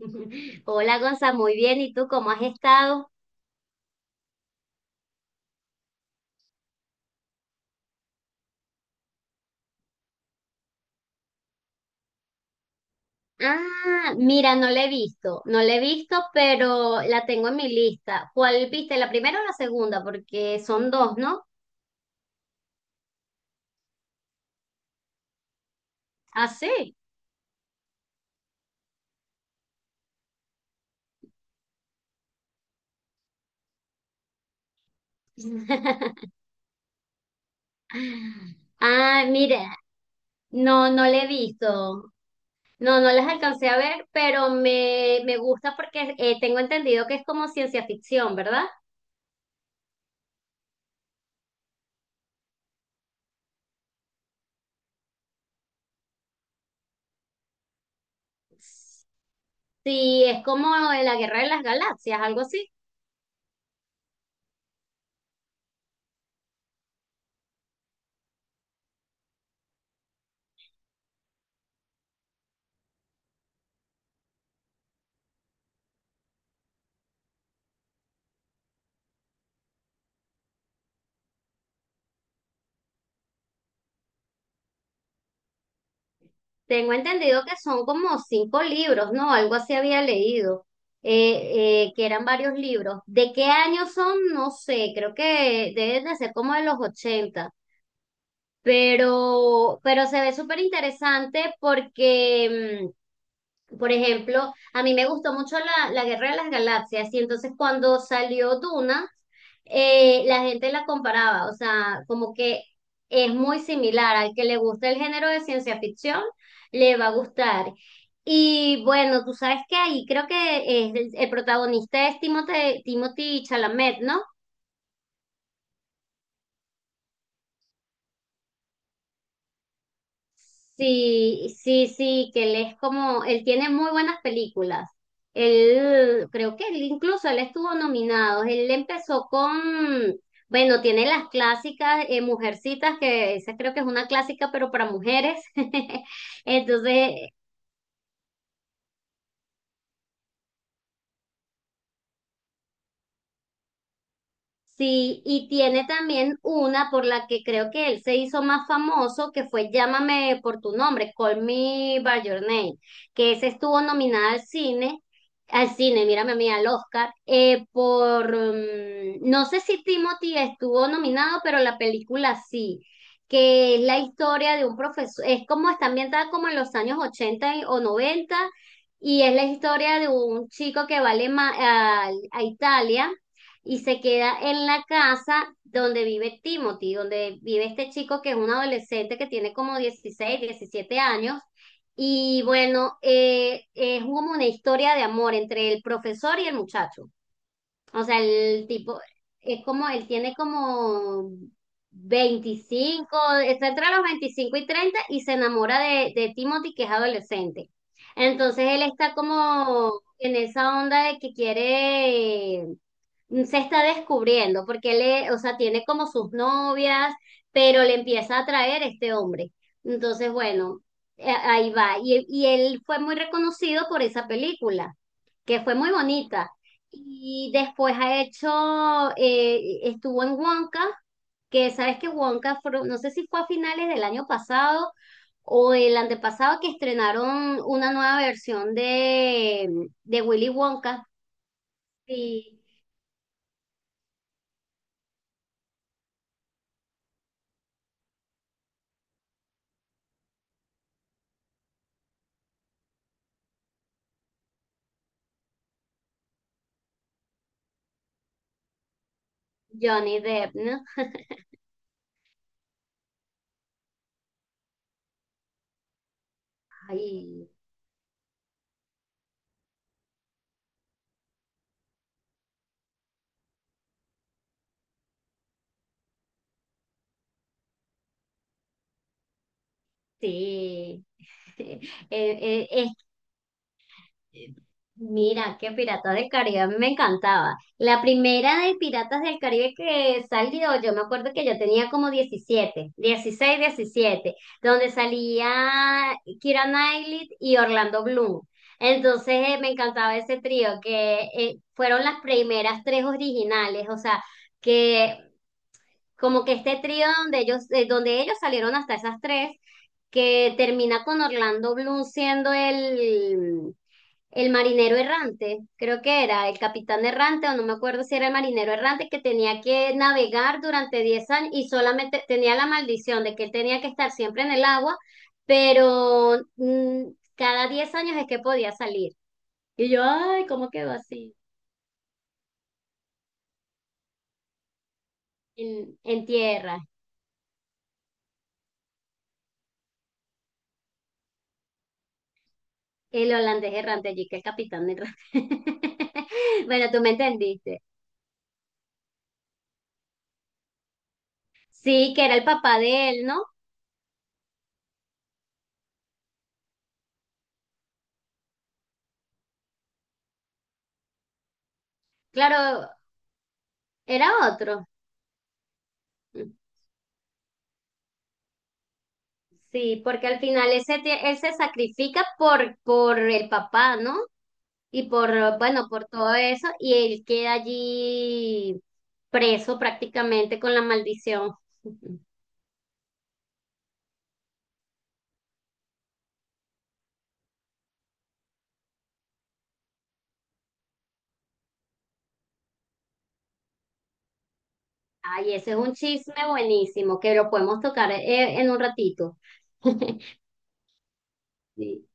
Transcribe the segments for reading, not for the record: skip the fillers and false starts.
Hola, Gonza, muy bien. ¿Y tú cómo has estado? Ah, mira, no la he visto, no la he visto, pero la tengo en mi lista. ¿Cuál viste? ¿La primera o la segunda? Porque son dos, ¿no? Ah, sí. Ah, mira, no, no la he visto. No, no las alcancé a ver, pero me gusta porque tengo entendido que es como ciencia ficción, ¿verdad? Sí, es como la Guerra de las Galaxias, algo así. Tengo entendido que son como cinco libros, ¿no? Algo así había leído, que eran varios libros. ¿De qué año son? No sé, creo que deben de ser como de los 80, pero se ve súper interesante porque por ejemplo, a mí me gustó mucho la Guerra de las Galaxias, y entonces cuando salió Duna, la gente la comparaba, o sea, como que es muy similar, al que le gusta el género de ciencia ficción, le va a gustar. Y bueno, tú sabes que ahí creo que el protagonista es Timothy Chalamet, ¿no? Sí, sí, sí, que él es como, él tiene muy buenas películas. Él, creo que él incluso él estuvo nominado. Él empezó con, bueno, tiene las clásicas, Mujercitas, que esa creo que es una clásica, pero para mujeres. Entonces, sí, y tiene también una por la que creo que él se hizo más famoso, que fue Llámame por tu nombre, Call Me by Your Name, que esa estuvo nominada al cine, mírame a mí, al Oscar, no sé si Timothy estuvo nominado, pero la película sí, que es la historia de un profesor, es como está ambientada como en los años 80 o 90, y es la historia de un chico que va a a Italia y se queda en la casa donde vive Timothy, donde vive este chico que es un adolescente que tiene como 16, 17 años. Y bueno, es como una historia de amor entre el profesor y el muchacho. O sea, el tipo es como, él tiene como 25, está entre los 25 y 30 y se enamora de Timothy, que es adolescente. Entonces él está como en esa onda de que quiere, se está descubriendo, porque él, o sea, tiene como sus novias, pero le empieza a atraer este hombre. Entonces, bueno, ahí va. Y él fue muy reconocido por esa película, que fue muy bonita. Y después ha hecho, estuvo en Wonka, que sabes que Wonka, no sé si fue a finales del año pasado o el antepasado, que estrenaron una nueva versión de Willy Wonka y Johnny Depp, ¿no? Ay, sí. Eh, eh, Mira, que Piratas del Caribe a mí me encantaba. La primera de Piratas del Caribe que salió, yo me acuerdo que yo tenía como 17, 16, 17, donde salía Keira Knightley y Orlando Bloom. Entonces, me encantaba ese trío, que fueron las primeras tres originales, o sea, que como que este trío donde ellos salieron hasta esas tres, que termina con Orlando Bloom siendo el... el marinero errante, creo que era el capitán errante, o no me acuerdo si era el marinero errante, que tenía que navegar durante 10 años y solamente tenía la maldición de que él tenía que estar siempre en el agua, pero cada 10 años es que podía salir. Y yo, ay, ¿cómo quedó así? En tierra, el holandés errante allí, que el capitán errante. Bueno, tú me entendiste. Sí, que era el papá de él, ¿no? Claro, era otro. Sí, porque al final ese él se sacrifica por el papá, ¿no? Y por, bueno, por todo eso, y él queda allí preso prácticamente con la maldición. Ay, ese es un chisme buenísimo, que lo podemos tocar, en un ratito. Sí,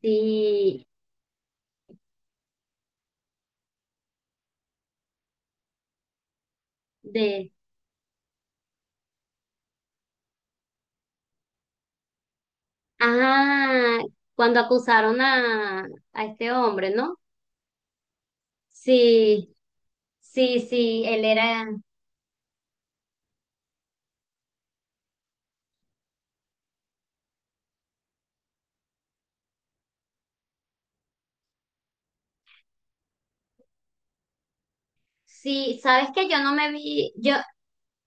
sí, de, ah, cuando acusaron a este hombre, ¿no? Sí, sí, sí, él era... Sí, sabes que yo no me vi, yo,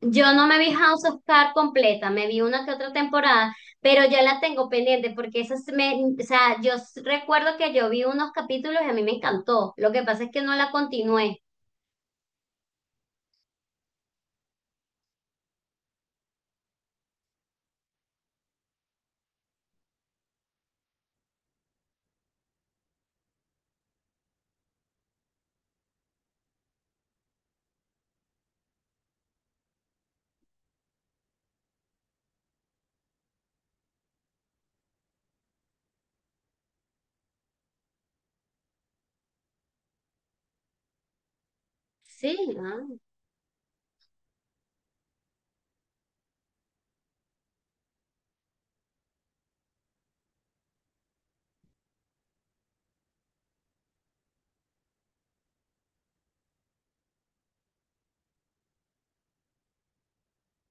Yo no me vi House of Cards completa, me vi una que otra temporada, pero ya la tengo pendiente porque esa se me, o sea, recuerdo que yo vi unos capítulos y a mí me encantó. Lo que pasa es que no la continué. Sí, ah,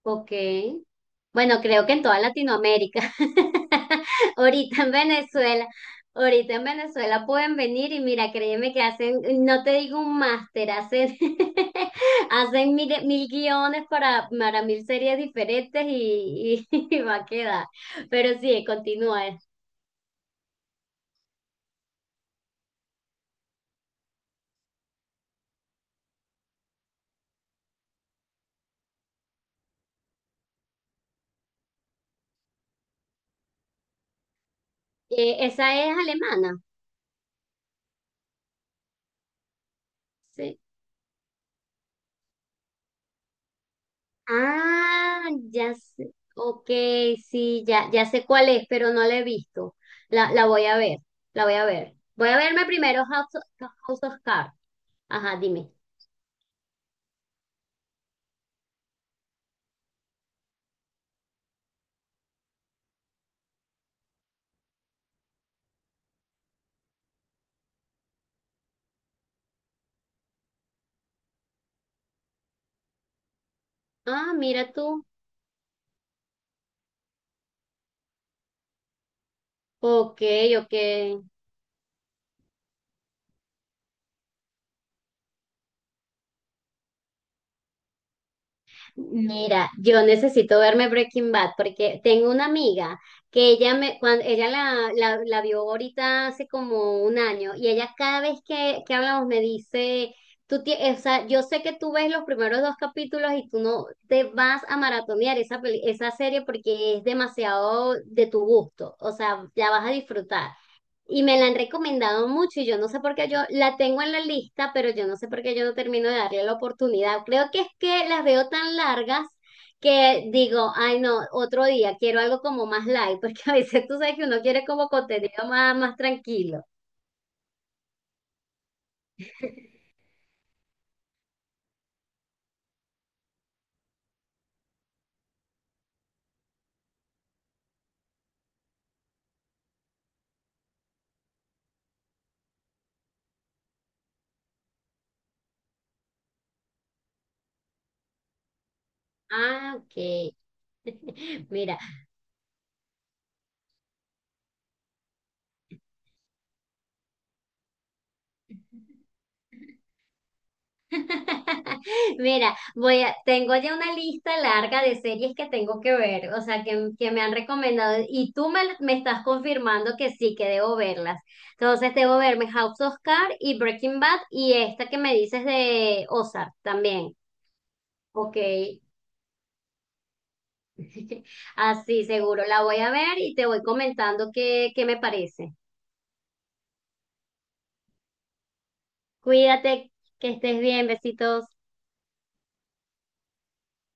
ok. Bueno, creo que en toda Latinoamérica. Ahorita en Venezuela, ahorita en Venezuela pueden venir, y mira, créeme que hacen, no te digo un máster, hacen, hacen mil guiones para mil series diferentes va a quedar. Pero sí, continúa. Esa es alemana. Sí. Ah, ya sé. Ok, sí, ya, ya sé cuál es, pero no la he visto. La voy a ver, la voy a ver. Voy a verme primero House of Cards. Ajá, dime. Ah, mira tú. Ok, ok. Mira, yo necesito verme Breaking Bad porque tengo una amiga que ella me, cuando ella la vio ahorita hace como un año, y ella cada vez que hablamos me dice, o sea, yo sé que tú ves los primeros dos capítulos y tú no te vas a maratonear esa esa serie porque es demasiado de tu gusto, o sea, la vas a disfrutar. Y me la han recomendado mucho y yo no sé por qué yo la tengo en la lista, pero yo no sé por qué yo no termino de darle la oportunidad. Creo que es que las veo tan largas que digo, ay no, otro día quiero algo como más light, porque a veces tú sabes que uno quiere como contenido más tranquilo. Ah, ok. Mira, Mira, tengo ya una lista larga de series que tengo que ver, o sea, que me han recomendado, y tú me estás confirmando que sí, que debo verlas. Entonces, debo verme House of Cards y Breaking Bad y esta que me dices de Ozark también. Ok, así seguro la voy a ver y te voy comentando qué me parece. Cuídate, que estés bien, besitos.